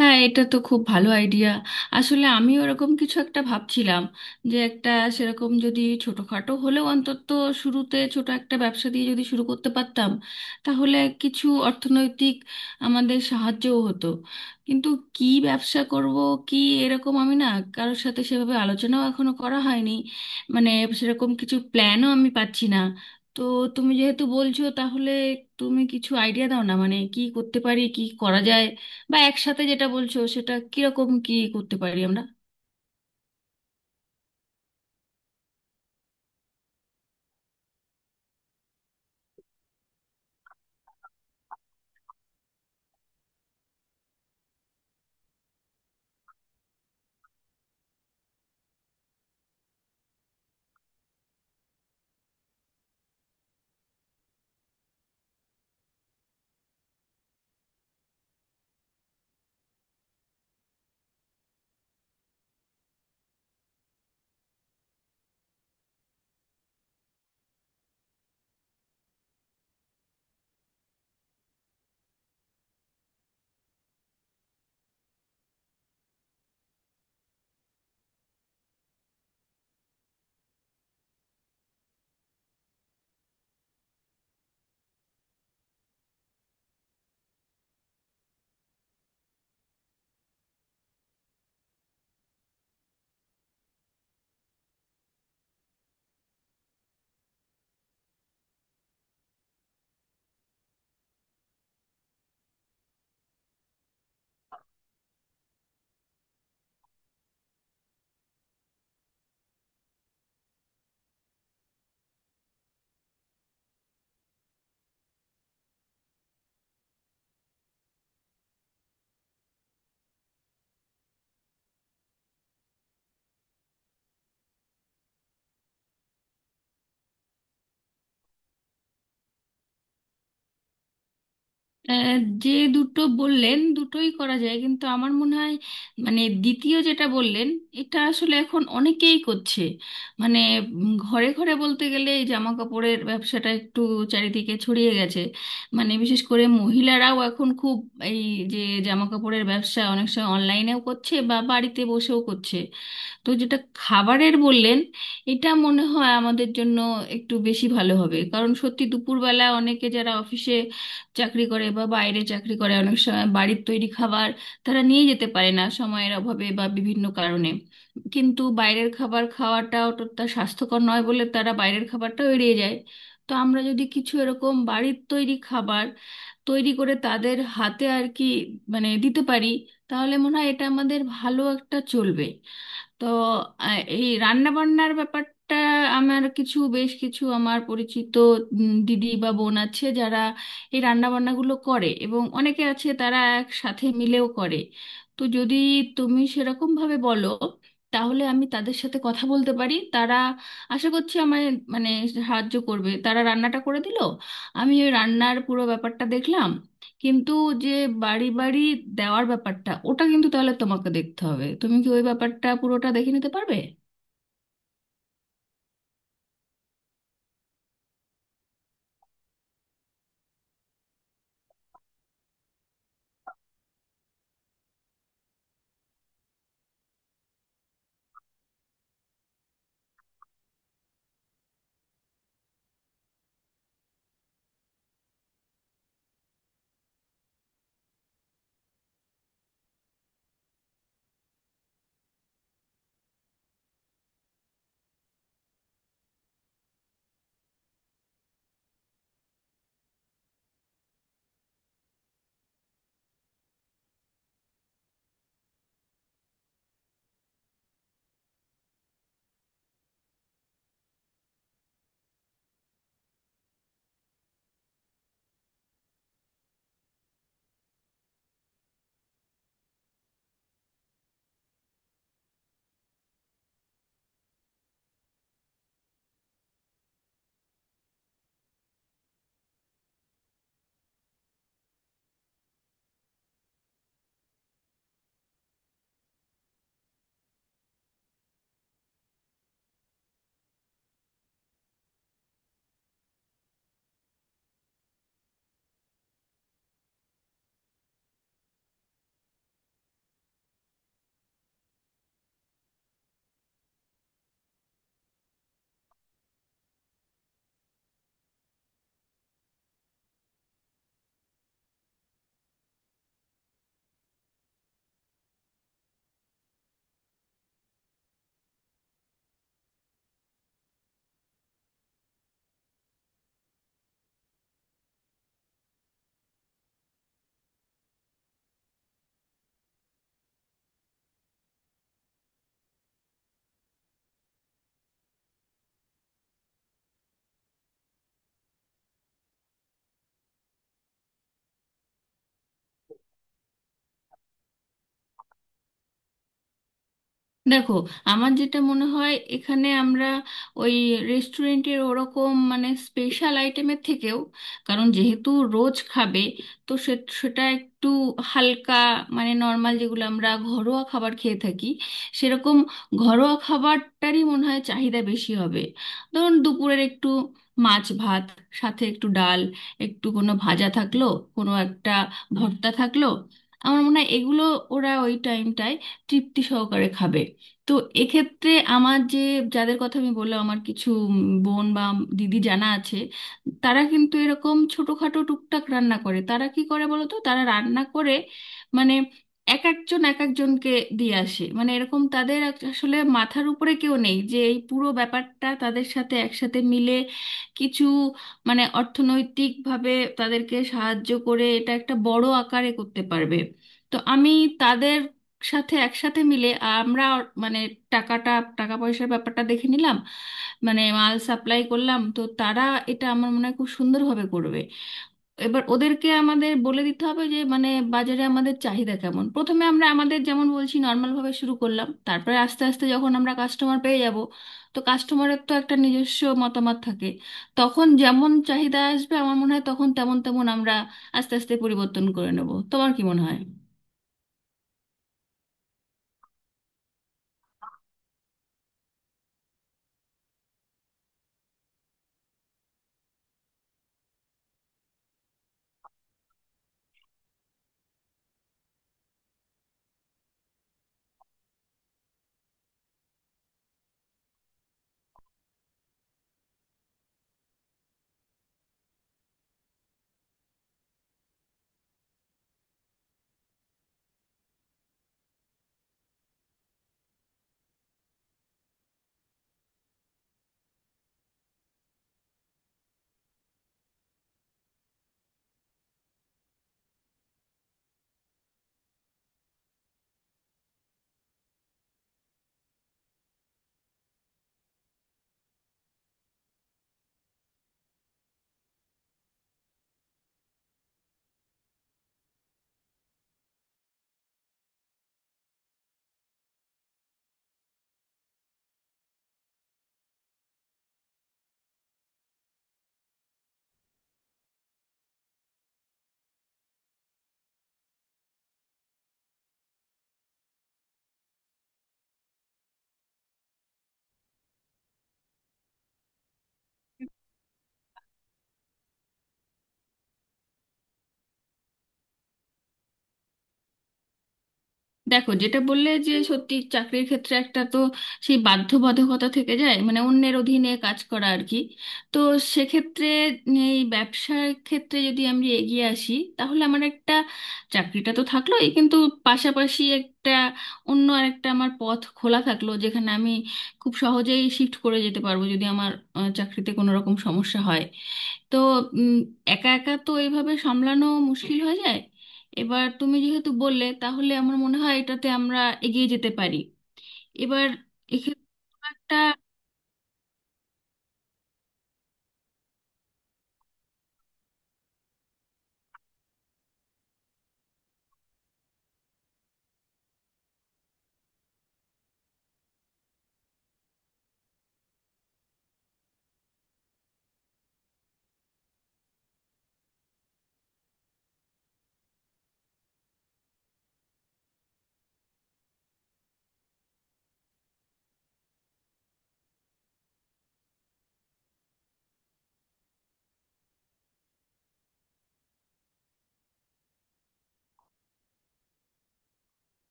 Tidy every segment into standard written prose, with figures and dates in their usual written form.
হ্যাঁ, এটা তো খুব ভালো আইডিয়া। আসলে আমি ওরকম কিছু একটা ভাবছিলাম যে একটা সেরকম যদি ছোটখাটো হলেও অন্তত শুরুতে ছোট একটা ব্যবসা দিয়ে যদি শুরু করতে পারতাম তাহলে কিছু অর্থনৈতিক আমাদের সাহায্যও হতো। কিন্তু কি ব্যবসা করব, কি এরকম, আমি না কারোর সাথে সেভাবে আলোচনাও এখনো করা হয়নি। মানে সেরকম কিছু প্ল্যানও আমি পাচ্ছি না। তো তুমি যেহেতু বলছো তাহলে তুমি কিছু আইডিয়া দাও না, মানে কি করতে পারি, কি করা যায় বা একসাথে যেটা বলছো সেটা কিরকম কি করতে পারি আমরা। আহ, যে দুটো বললেন দুটোই করা যায় কিন্তু আমার মনে হয় মানে দ্বিতীয় যেটা বললেন এটা আসলে এখন অনেকেই করছে। মানে ঘরে ঘরে বলতে গেলে এই জামা কাপড়ের ব্যবসাটা একটু চারিদিকে ছড়িয়ে গেছে। মানে বিশেষ করে মহিলারাও এখন খুব এই যে জামা কাপড়ের ব্যবসা অনেক সময় অনলাইনেও করছে বা বাড়িতে বসেও করছে। তো যেটা খাবারের বললেন এটা মনে হয় আমাদের জন্য একটু বেশি ভালো হবে, কারণ সত্যি দুপুরবেলা অনেকে যারা অফিসে চাকরি করে বা বাইরে চাকরি করে অনেক সময় বাড়ির তৈরি খাবার তারা নিয়ে যেতে পারে না সময়ের অভাবে বা বিভিন্ন কারণে। কিন্তু বাইরের খাবার খাওয়াটাও তো তা স্বাস্থ্যকর নয় বলে তারা বাইরের খাবারটাও এড়িয়ে যায়। তো আমরা যদি কিছু এরকম বাড়ির তৈরি খাবার তৈরি করে তাদের হাতে আর কি, মানে দিতে পারি তাহলে মনে হয় এটা আমাদের ভালো একটা চলবে। তো এই রান্না বান্নার ব্যাপারটা, আমার বেশ কিছু আমার পরিচিত দিদি বা বোন আছে যারা এই রান্না বান্নাগুলো করে এবং অনেকে আছে তারা একসাথে মিলেও করে। তো যদি তুমি সেরকম ভাবে বলো তাহলে আমি তাদের সাথে কথা বলতে পারি। তারা আশা করছি আমায় মানে সাহায্য করবে। তারা রান্নাটা করে দিল, আমি ওই রান্নার পুরো ব্যাপারটা দেখলাম। কিন্তু যে বাড়ি বাড়ি দেওয়ার ব্যাপারটা ওটা কিন্তু তাহলে তোমাকে দেখতে হবে, তুমি কি ওই ব্যাপারটা পুরোটা দেখে নিতে পারবে? দেখো, আমার যেটা মনে হয় এখানে আমরা ওই রেস্টুরেন্টের ওরকম মানে স্পেশাল আইটেমের থেকেও, কারণ যেহেতু রোজ খাবে তো সেটা একটু হালকা, মানে নর্মাল যেগুলো আমরা ঘরোয়া খাবার খেয়ে থাকি সেরকম ঘরোয়া খাবারটারই মনে হয় চাহিদা বেশি হবে। ধরুন দুপুরের একটু মাছ ভাত, সাথে একটু ডাল, একটু কোনো ভাজা থাকলো, কোনো একটা ভর্তা থাকলো, আমার মনে হয় এগুলো ওরা ওই টাইমটায় তৃপ্তি সহকারে খাবে। তো এক্ষেত্রে আমার যে যাদের কথা আমি বললাম, আমার কিছু বোন বা দিদি জানা আছে। তারা কিন্তু এরকম ছোটখাটো টুকটাক রান্না করে। তারা কি করে বলো তো, তারা রান্না করে মানে এক একজন এক একজনকে দিয়ে আসে। মানে এরকম তাদের আসলে মাথার উপরে কেউ নেই যে এই পুরো ব্যাপারটা তাদের সাথে একসাথে মিলে কিছু মানে অর্থনৈতিকভাবে তাদেরকে সাহায্য করে এটা একটা বড় আকারে করতে পারবে। তো আমি তাদের সাথে একসাথে মিলে আমরা মানে টাকাটা টাকা পয়সার ব্যাপারটা দেখে নিলাম, মানে মাল সাপ্লাই করলাম, তো তারা এটা আমার মনে হয় খুব সুন্দরভাবে করবে। এবার ওদেরকে আমাদের বলে দিতে হবে যে মানে বাজারে আমাদের চাহিদা কেমন। প্রথমে আমরা আমাদের যেমন বলছি নর্মাল ভাবে শুরু করলাম, তারপরে আস্তে আস্তে যখন আমরা কাস্টমার পেয়ে যাব, তো কাস্টমারের তো একটা নিজস্ব মতামত থাকে, তখন যেমন চাহিদা আসবে আমার মনে হয় তখন তেমন তেমন আমরা আস্তে আস্তে পরিবর্তন করে নেব। তোমার কি মনে হয়? দেখো, যেটা বললে যে সত্যি চাকরির ক্ষেত্রে একটা তো সেই বাধ্যবাধকতা থেকে যায়, মানে অন্যের অধীনে কাজ করা আর কি। তো সেক্ষেত্রে এই ব্যবসার ক্ষেত্রে যদি আমি এগিয়ে আসি তাহলে আমার একটা চাকরিটা তো থাকলোই, কিন্তু পাশাপাশি একটা অন্য আরেকটা আমার পথ খোলা থাকলো যেখানে আমি খুব সহজেই শিফট করে যেতে পারবো যদি আমার চাকরিতে কোনো রকম সমস্যা হয়। তো উম, একা একা তো এইভাবে সামলানো মুশকিল হয়ে যায়। এবার তুমি যেহেতু বললে তাহলে আমার মনে হয় এটাতে আমরা এগিয়ে যেতে পারি। এবার এক্ষেত্রে কোনো একটা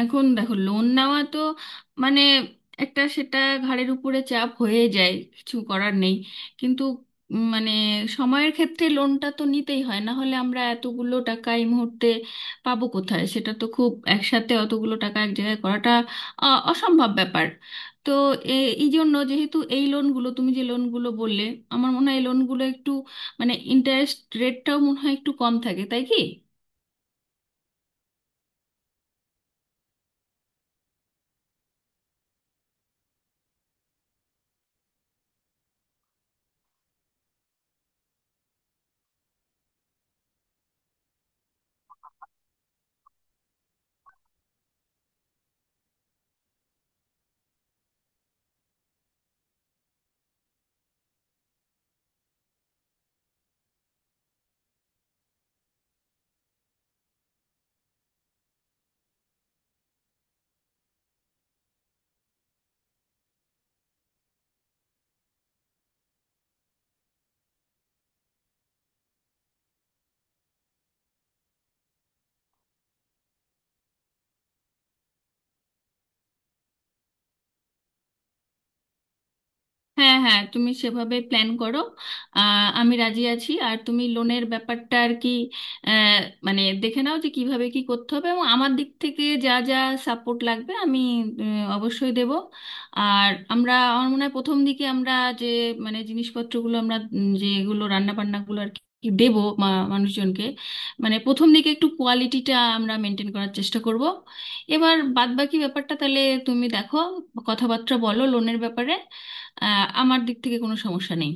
এখন দেখো, লোন নেওয়া তো মানে একটা সেটা ঘাড়ের উপরে চাপ হয়ে যায়, কিছু করার নেই। কিন্তু মানে সময়ের ক্ষেত্রে লোনটা তো নিতেই হয়, না হলে আমরা এতগুলো টাকা এই মুহূর্তে পাবো কোথায়? সেটা তো খুব একসাথে অতগুলো টাকা এক জায়গায় করাটা আ, অসম্ভব ব্যাপার। তো এই জন্য যেহেতু এই লোনগুলো, তুমি যে লোনগুলো বললে আমার মনে হয় এই লোনগুলো একটু মানে ইন্টারেস্ট রেটটাও মনে হয় একটু কম থাকে, তাই কি? হ্যাঁ হ্যাঁ, তুমি সেভাবে প্ল্যান করো। আমি রাজি আছি। আর তুমি লোনের ব্যাপারটা আর কি, আহ, মানে দেখে নাও যে কিভাবে কি করতে হবে। এবং আমার দিক থেকে যা যা সাপোর্ট লাগবে আমি অবশ্যই দেব। আর আমরা, আমার মনে হয় প্রথম দিকে আমরা যে মানে জিনিসপত্রগুলো আমরা যেগুলো রান্না বান্নাগুলো আর কি দেবো মা মানুষজনকে, মানে প্রথম দিকে একটু কোয়ালিটিটা আমরা মেনটেন করার চেষ্টা করব। এবার বাদবাকি ব্যাপারটা তাহলে তুমি দেখো, কথাবার্তা বলো লোনের ব্যাপারে। আহ, আমার দিক থেকে কোনো সমস্যা নেই।